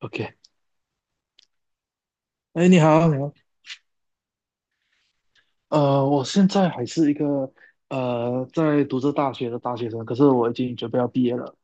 OK，你好，你好，我现在还是一个在读着大学的大学生，可是我已经准备要毕业了。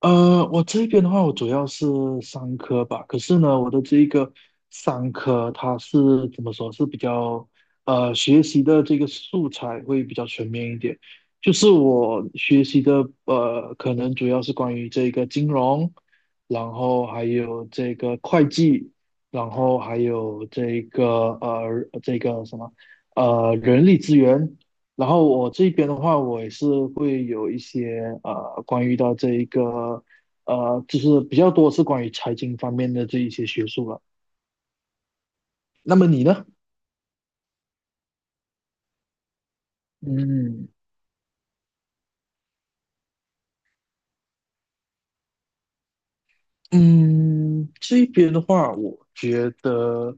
我这边的话，我主要是商科吧。可是呢，我的这一个商科，它是怎么说，是比较学习的这个素材会比较全面一点。就是我学习的可能主要是关于这个金融，然后还有这个会计，然后还有呃这个什么人力资源，然后我这边的话，我也是会有一些关于到这一个就是比较多是关于财经方面的这一些学术了。那么你呢？嗯嗯，这边的话，我觉得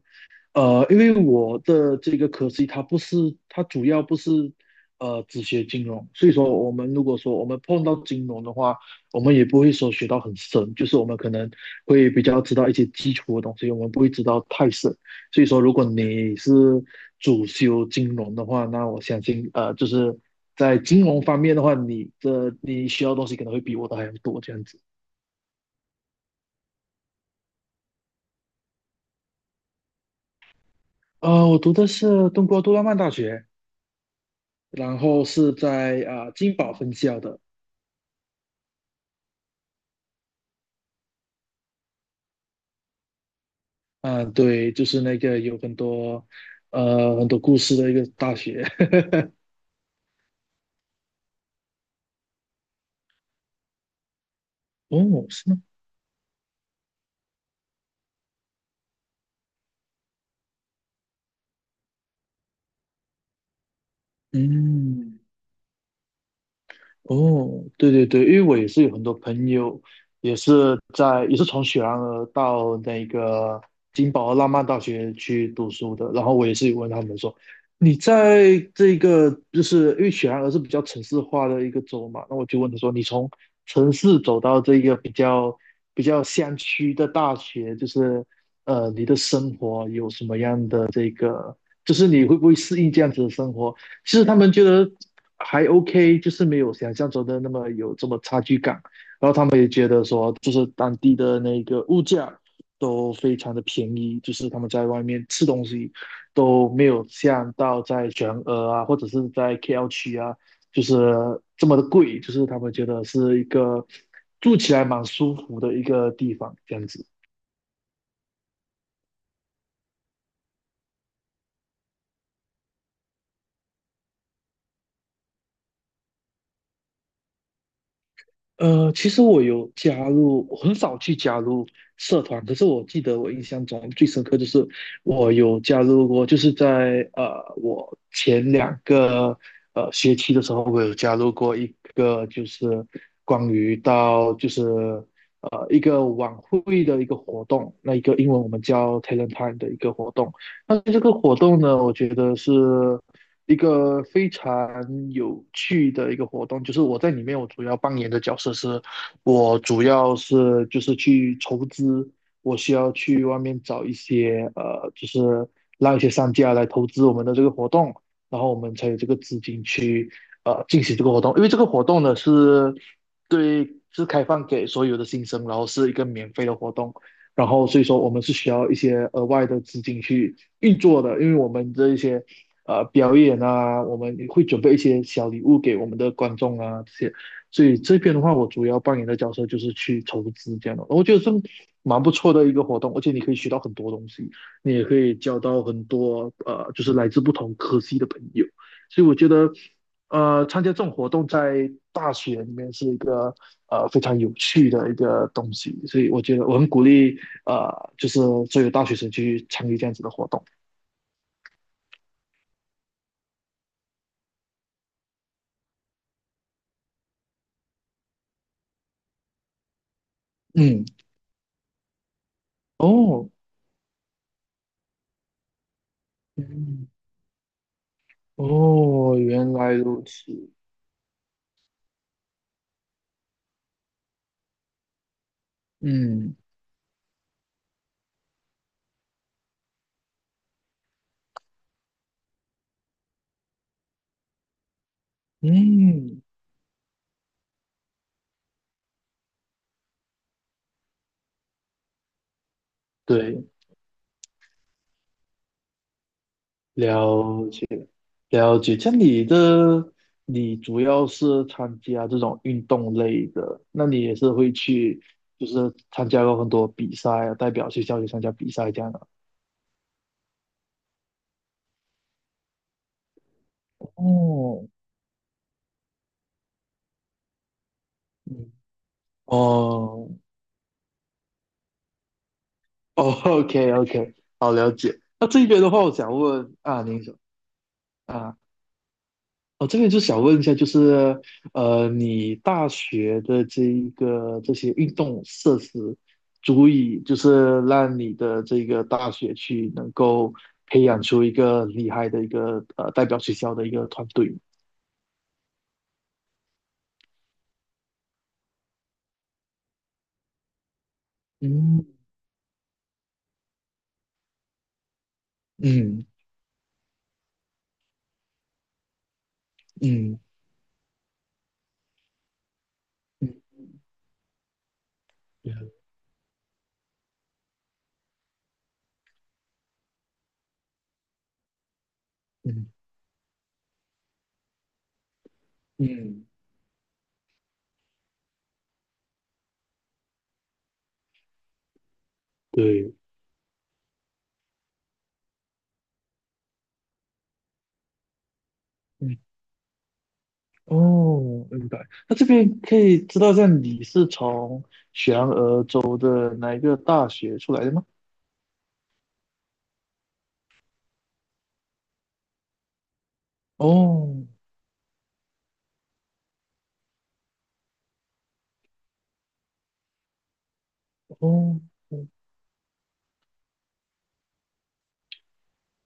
因为我的这个科系它不是，它主要不是只学金融，所以说我们如果说我们碰到金融的话，我们也不会说学到很深，就是我们可能会比较知道一些基础的东西，我们不会知道太深。所以说，如果你是主修金融的话，那我相信就是在金融方面的话，你需要的东西可能会比我的还要多这样子。我读的是中国杜拉曼大学，然后是在金宝分校的。嗯，对，就是那个有很多故事的一个大学。哦，是吗？嗯，哦，对对对，因为我也是有很多朋友，也是从雪兰莪到那个金宝浪漫大学去读书的，然后我也是有问他们说，你在这个就是因为雪兰莪是比较城市化的一个州嘛，那我就问他说，你从城市走到这个比较乡区的大学，就是你的生活有什么样的这个，就是你会不会适应这样子的生活？其实他们觉得还 OK，就是没有想象中的那么有这么差距感。他们也觉得说，就是当地的那个物价都非常的便宜，就是他们在外面吃东西都没有像到在全俄啊，或者是在 KL 区啊，就是这么的贵。就是他们觉得是一个住起来蛮舒服的一个地方，这样子。其实我有加入，我很少去加入社团，可是我记得我印象中最深刻就是我有加入过，就是在我前2个学期的时候，我有加入过一个就是关于到就是一个晚会的一个活动，那一个英文我们叫 Talent Time 的一个活动。那这个活动呢，我觉得是一个非常有趣的一个活动，就是我在里面我主要扮演的角色是，我主要是就是去筹资，我需要去外面找一些就是让一些商家来投资我们的这个活动，然后我们才有这个资金去进行这个活动，因为这个活动呢是，对，是开放给所有的新生，然后是一个免费的活动。然后所以说我们是需要一些额外的资金去运作的，因为我们这一些表演啊，我们会准备一些小礼物给我们的观众啊这些，所以这边的话，我主要扮演的角色就是去筹资这样的，我觉得是蛮不错的一个活动，而且你可以学到很多东西，你也可以交到很多就是来自不同科系的朋友，所以我觉得参加这种活动在大学里面是一个非常有趣的一个东西，所以我觉得我很鼓励就是作为大学生去参与这样子的活动。嗯，哦，嗯，哦，原来如此。嗯嗯，对，了解了解。像你的，你主要是参加这种运动类的，那你也是会去，就是参加过很多比赛啊，代表学校去参加比赛这样的。哦，嗯，哦哦，OK OK，好，了解。那这边的话，我想问啊，您说啊。哦，这边就想问一下，就是你大学的这一个这些运动设施，足以就是让你的这个大学去能够培养出一个厉害的一个代表学校的一个团队吗？嗯嗯嗯嗯嗯嗯，对啊，嗯哦，明白。那这边可以知道一下你是从雪兰莪州的哪一个大学出来的吗？哦哦。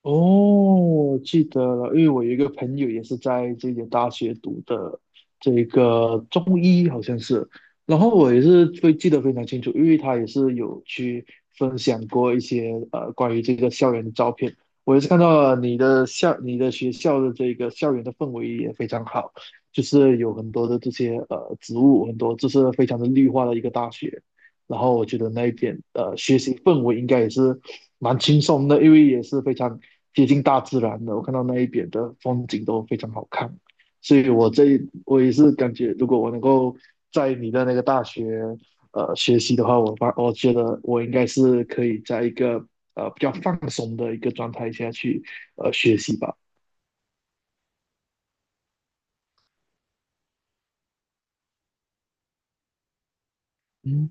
哦，记得了，因为我有一个朋友也是在这间大学读的这个中医，好像是，然后我也是会记得非常清楚，因为他也是有去分享过一些关于这个校园的照片，我也是看到了你的学校的这个校园的氛围也非常好，就是有很多的这些植物，很多就是非常的绿化的一个大学，然后我觉得那一点学习氛围应该也是蛮轻松的，因为也是非常接近大自然的。我看到那一边的风景都非常好看，所以我也是感觉，如果我能够在你的那个大学学习的话，我觉得我应该是可以在一个比较放松的一个状态下去学习吧。嗯。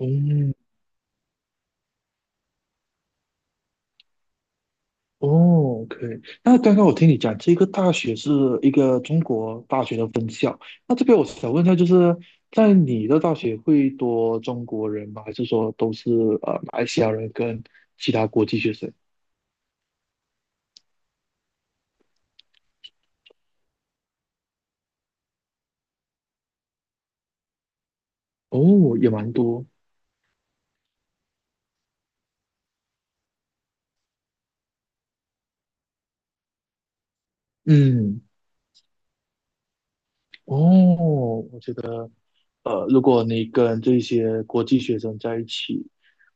嗯，哦，OK。那刚刚我听你讲，这个大学是一个中国大学的分校。那这边我想问一下，就是在你的大学会多中国人吗？还是说都是马来西亚人跟其他国际学生？哦，也蛮多。嗯，哦，我觉得如果你跟这些国际学生在一起，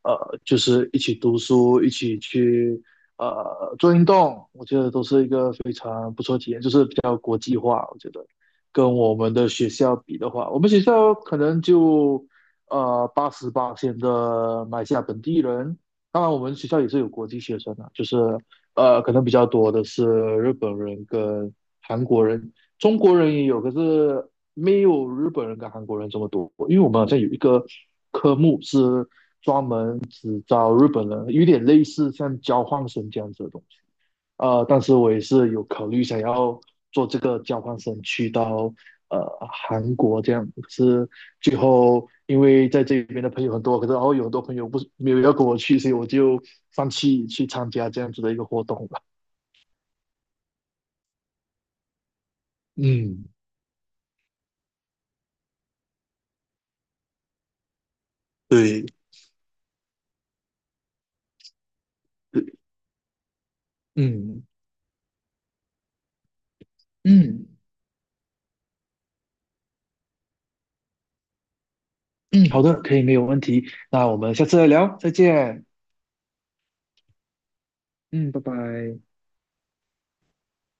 就是一起读书，一起去做运动，我觉得都是一个非常不错的体验，就是比较国际化。我觉得跟我们的学校比的话，我们学校可能就八十八线的马来西亚本地人，当然我们学校也是有国际学生的，就是可能比较多的是日本人跟韩国人，中国人也有，可是没有日本人跟韩国人这么多。因为我们好像有一个科目是专门只招日本人，有点类似像交换生这样子的东西。但是我也是有考虑想要做这个交换生去到呃韩国这样，可是最后因为在这边的朋友很多，可是然后有很多朋友不是没有要跟我去，所以我就放弃去参加这样子的一个活动了。嗯，对，嗯嗯，嗯，好的，可以，没有问题。那我们下次再聊，再见。嗯，拜拜。